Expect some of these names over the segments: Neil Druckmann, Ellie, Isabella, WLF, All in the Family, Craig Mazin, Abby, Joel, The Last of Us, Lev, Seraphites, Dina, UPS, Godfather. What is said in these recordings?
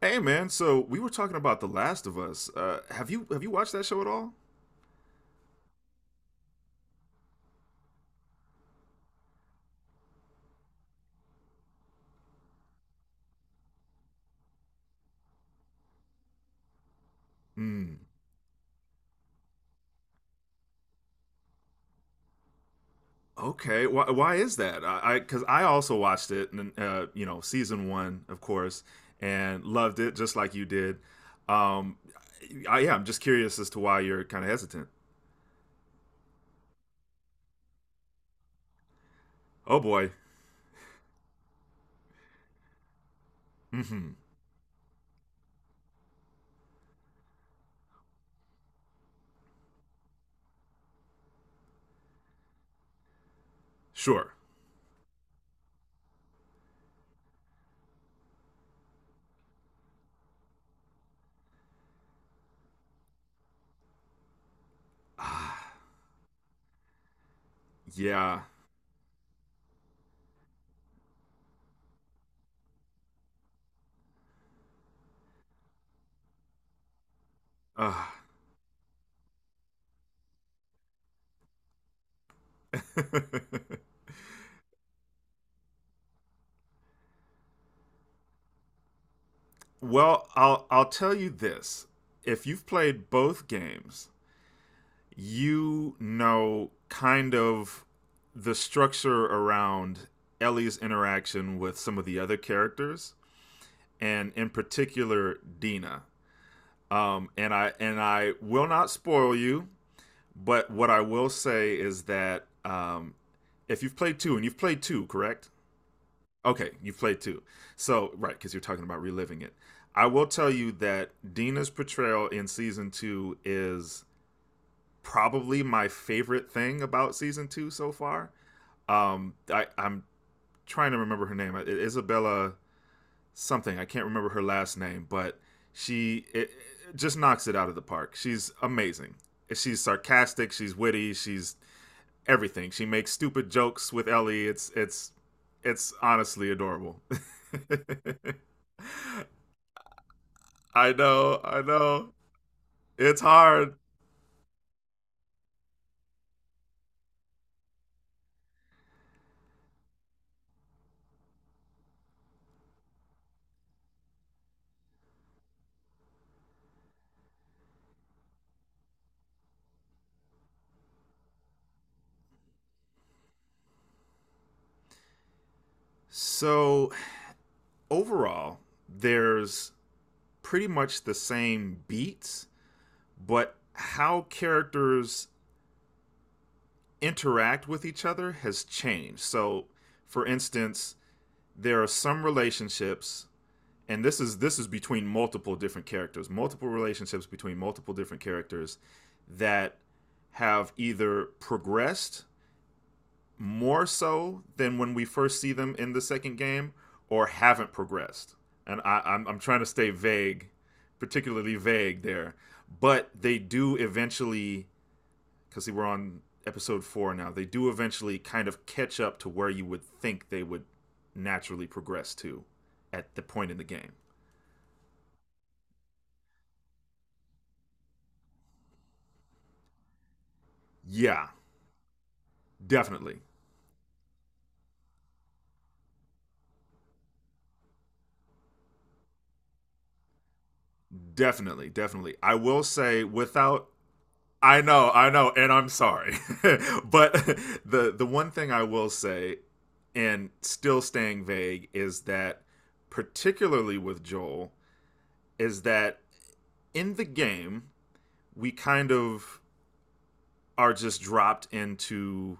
Hey man, so we were talking about The Last of Us. Have you have you watched that show at all? Mm, okay. Why is that? 'Cause I also watched it, and you know, season one, of course, and loved it just like you did. Um, yeah, I'm just curious as to why you're kind of hesitant. Oh boy. Hmm. Sure. Ah, yeah. Ah. Well, I'll tell you this. If you've played both games, you know kind of the structure around Ellie's interaction with some of the other characters, and in particular Dina. And I will not spoil you, but what I will say is that if you've played two, and you've played two, correct? Okay, you've played two. So right, because you're talking about reliving it. I will tell you that Dina's portrayal in season two is probably my favorite thing about season two so far. I'm trying to remember her name, Isabella something. I can't remember her last name, but she it, it just knocks it out of the park. She's amazing. She's sarcastic. She's witty. She's everything. She makes stupid jokes with Ellie. It's honestly adorable. I know. I know. It's hard. So overall, there's pretty much the same beats, but how characters interact with each other has changed. So, for instance, there are some relationships and this is between multiple different characters, multiple relationships between multiple different characters that have either progressed more so than when we first see them in the second game, or haven't progressed. And I'm trying to stay vague, particularly vague there. But they do eventually, because we're on episode four now, they do eventually kind of catch up to where you would think they would naturally progress to at the point in the game. Yeah, definitely. Definitely. Definitely. I will say, without— I know, I know, and I'm sorry. But the one thing I will say and still staying vague is that particularly with Joel is that in the game we kind of are just dropped into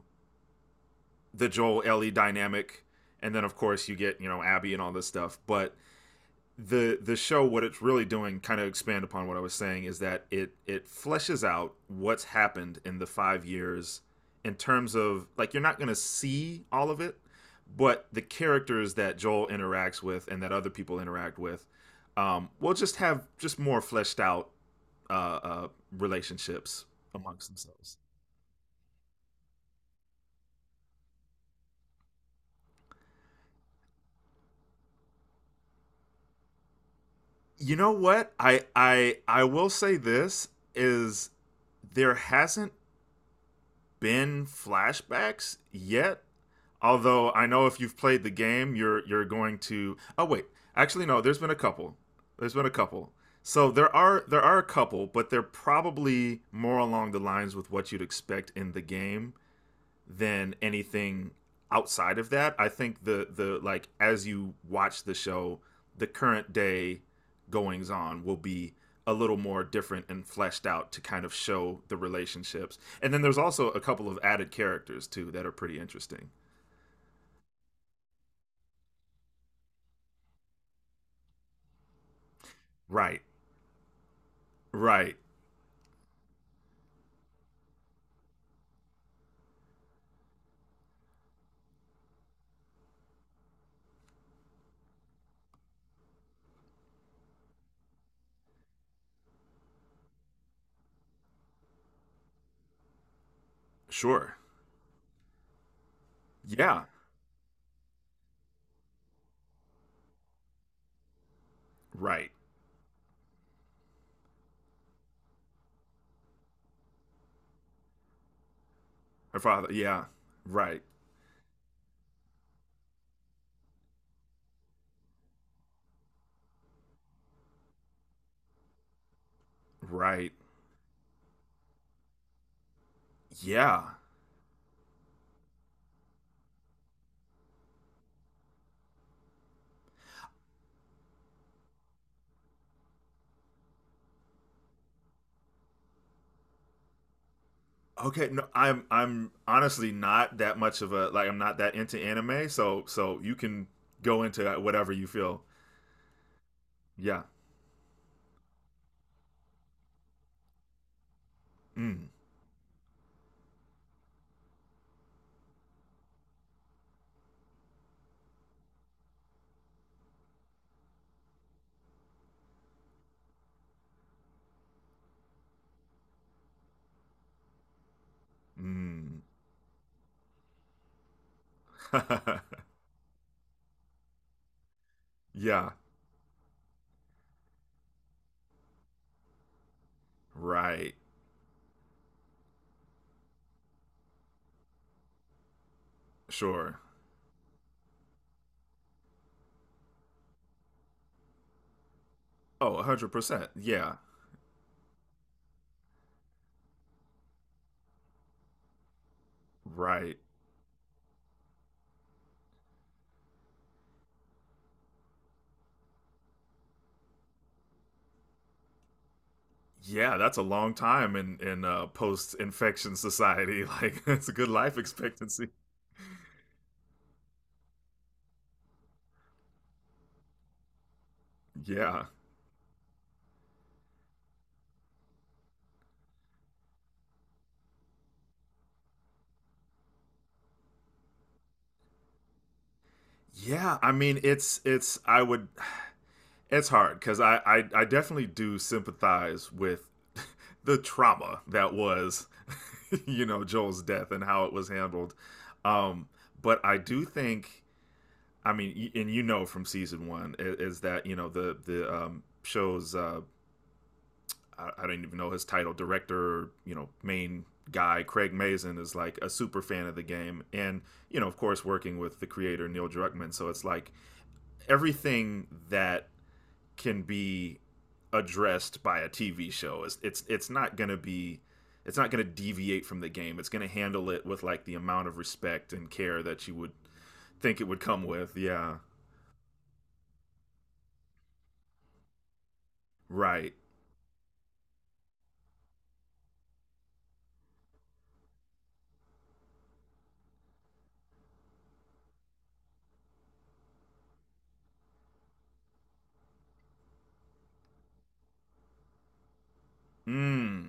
the Joel Ellie dynamic and then of course you get, you know, Abby and all this stuff, but the show what it's really doing kind of expand upon what I was saying is that it fleshes out what's happened in the 5 years in terms of like you're not going to see all of it but the characters that Joel interacts with and that other people interact with will just have just more fleshed out uh, uh, relationships amongst themselves. You know what I will say this is there hasn't been flashbacks yet. Although I know if you've played the game, you're going to. Oh wait, actually no. There's been a couple. There's been a couple. So there are a couple, but they're probably more along the lines with what you'd expect in the game than anything outside of that. I think the like as you watch the show, the current day goings on will be a little more different and fleshed out to kind of show the relationships. And then there's also a couple of added characters too that are pretty interesting. Right. Right. Sure. Yeah. Right. Her father. Yeah. Right. Right. Yeah. Okay, no, I'm honestly not that much of a— like I'm not that into anime, so so you can go into that whatever you feel. Yeah. Mm. Mm. Yeah. Right. Sure. Oh, 100%. Yeah. Right. Yeah, that's a long time in post-infection society. Like that's a good life expectancy. Yeah. Yeah, I mean it's I would— it's hard because I definitely do sympathize with the trauma that was, you know, Joel's death and how it was handled. Um, but I do think, I mean, and you know from season one is, that you know the show's I don't even know his title, director, you know, main guy Craig Mazin is like a super fan of the game, and you know, of course, working with the creator Neil Druckmann, so it's like everything that can be addressed by a TV show. It's not going to be— it's not going to deviate from the game. It's going to handle it with like the amount of respect and care that you would think it would come with. Yeah. Right. Mm.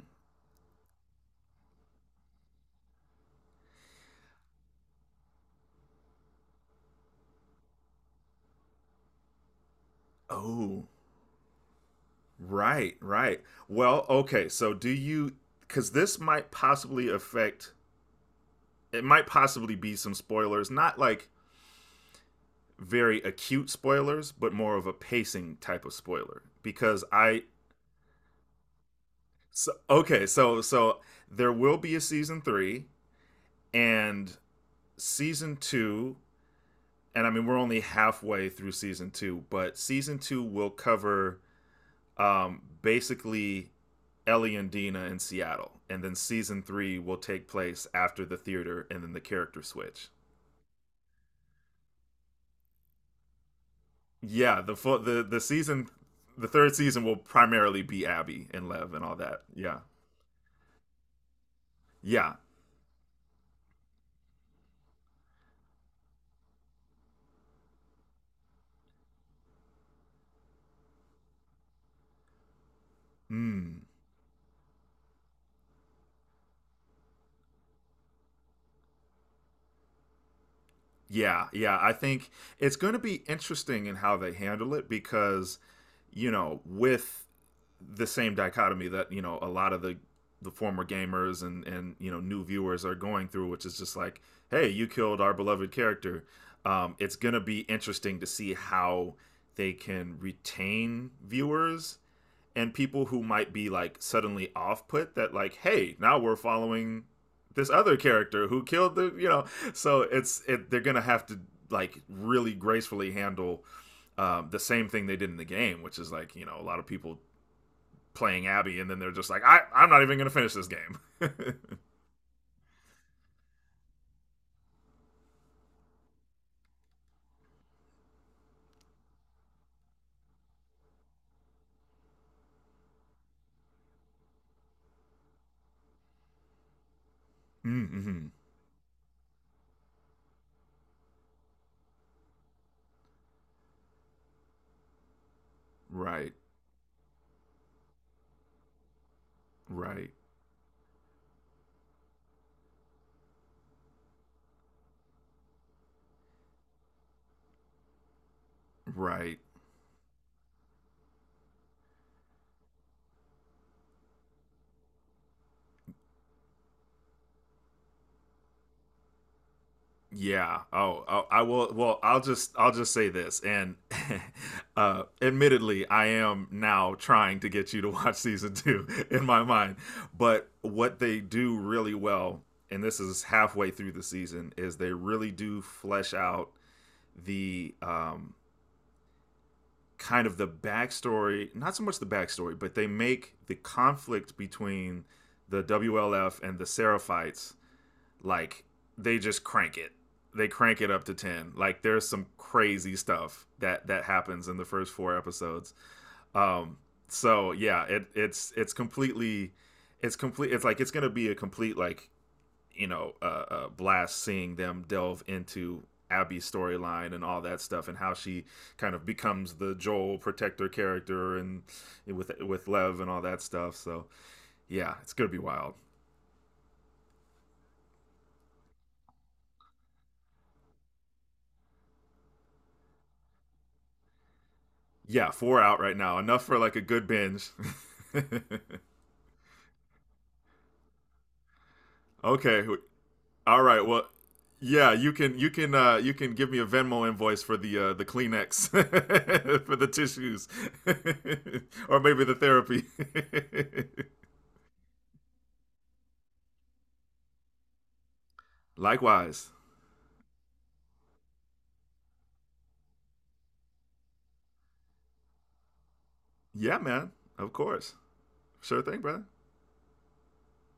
Oh, right, right. Well, okay. So do you— cuz this might possibly affect— it might possibly be some spoilers, not like very acute spoilers, but more of a pacing type of spoiler because I— so okay, so there will be a season three and season two, and I mean we're only halfway through season two, but season two will cover basically Ellie and Dina in Seattle, and then season three will take place after the theater and then the character switch. Yeah, the full, the third season will primarily be Abby and Lev and all that. Yeah, yeah. Mm. Yeah, yeah. I think it's going to be interesting in how they handle it because, you know, with the same dichotomy that you know a lot of the former gamers and you know new viewers are going through, which is just like, hey, you killed our beloved character. It's going to be interesting to see how they can retain viewers and people who might be like suddenly off put that like hey now we're following this other character who killed the you know so they're gonna have to like really gracefully handle the same thing they did in the game which is like you know a lot of people playing abby and then they're just like I'm not even gonna finish this game. Mm-hmm. Right, right, right. Yeah. Oh, oh, I will. Well, I'll just say this, and admittedly, I am now trying to get you to watch season two in my mind. But what they do really well, and this is halfway through the season, is they really do flesh out the kind of the backstory. Not so much the backstory, but they make the conflict between the WLF and the Seraphites like they just crank it. They crank it up to 10. Like there's some crazy stuff that that happens in the first four episodes. Um so yeah, it's completely— it's complete— it's like it's going to be a complete like, you know, blast seeing them delve into Abby's storyline and all that stuff and how she kind of becomes the Joel protector character and with Lev and all that stuff. So, yeah, it's going to be wild. Yeah, four out right now. Enough for like a good binge. Okay. Wh- All right. Well, yeah, you can you can you can give me a Venmo invoice for the Kleenex for the tissues. Or maybe the therapy. Likewise. Yeah, man. Of course. Sure thing, brother.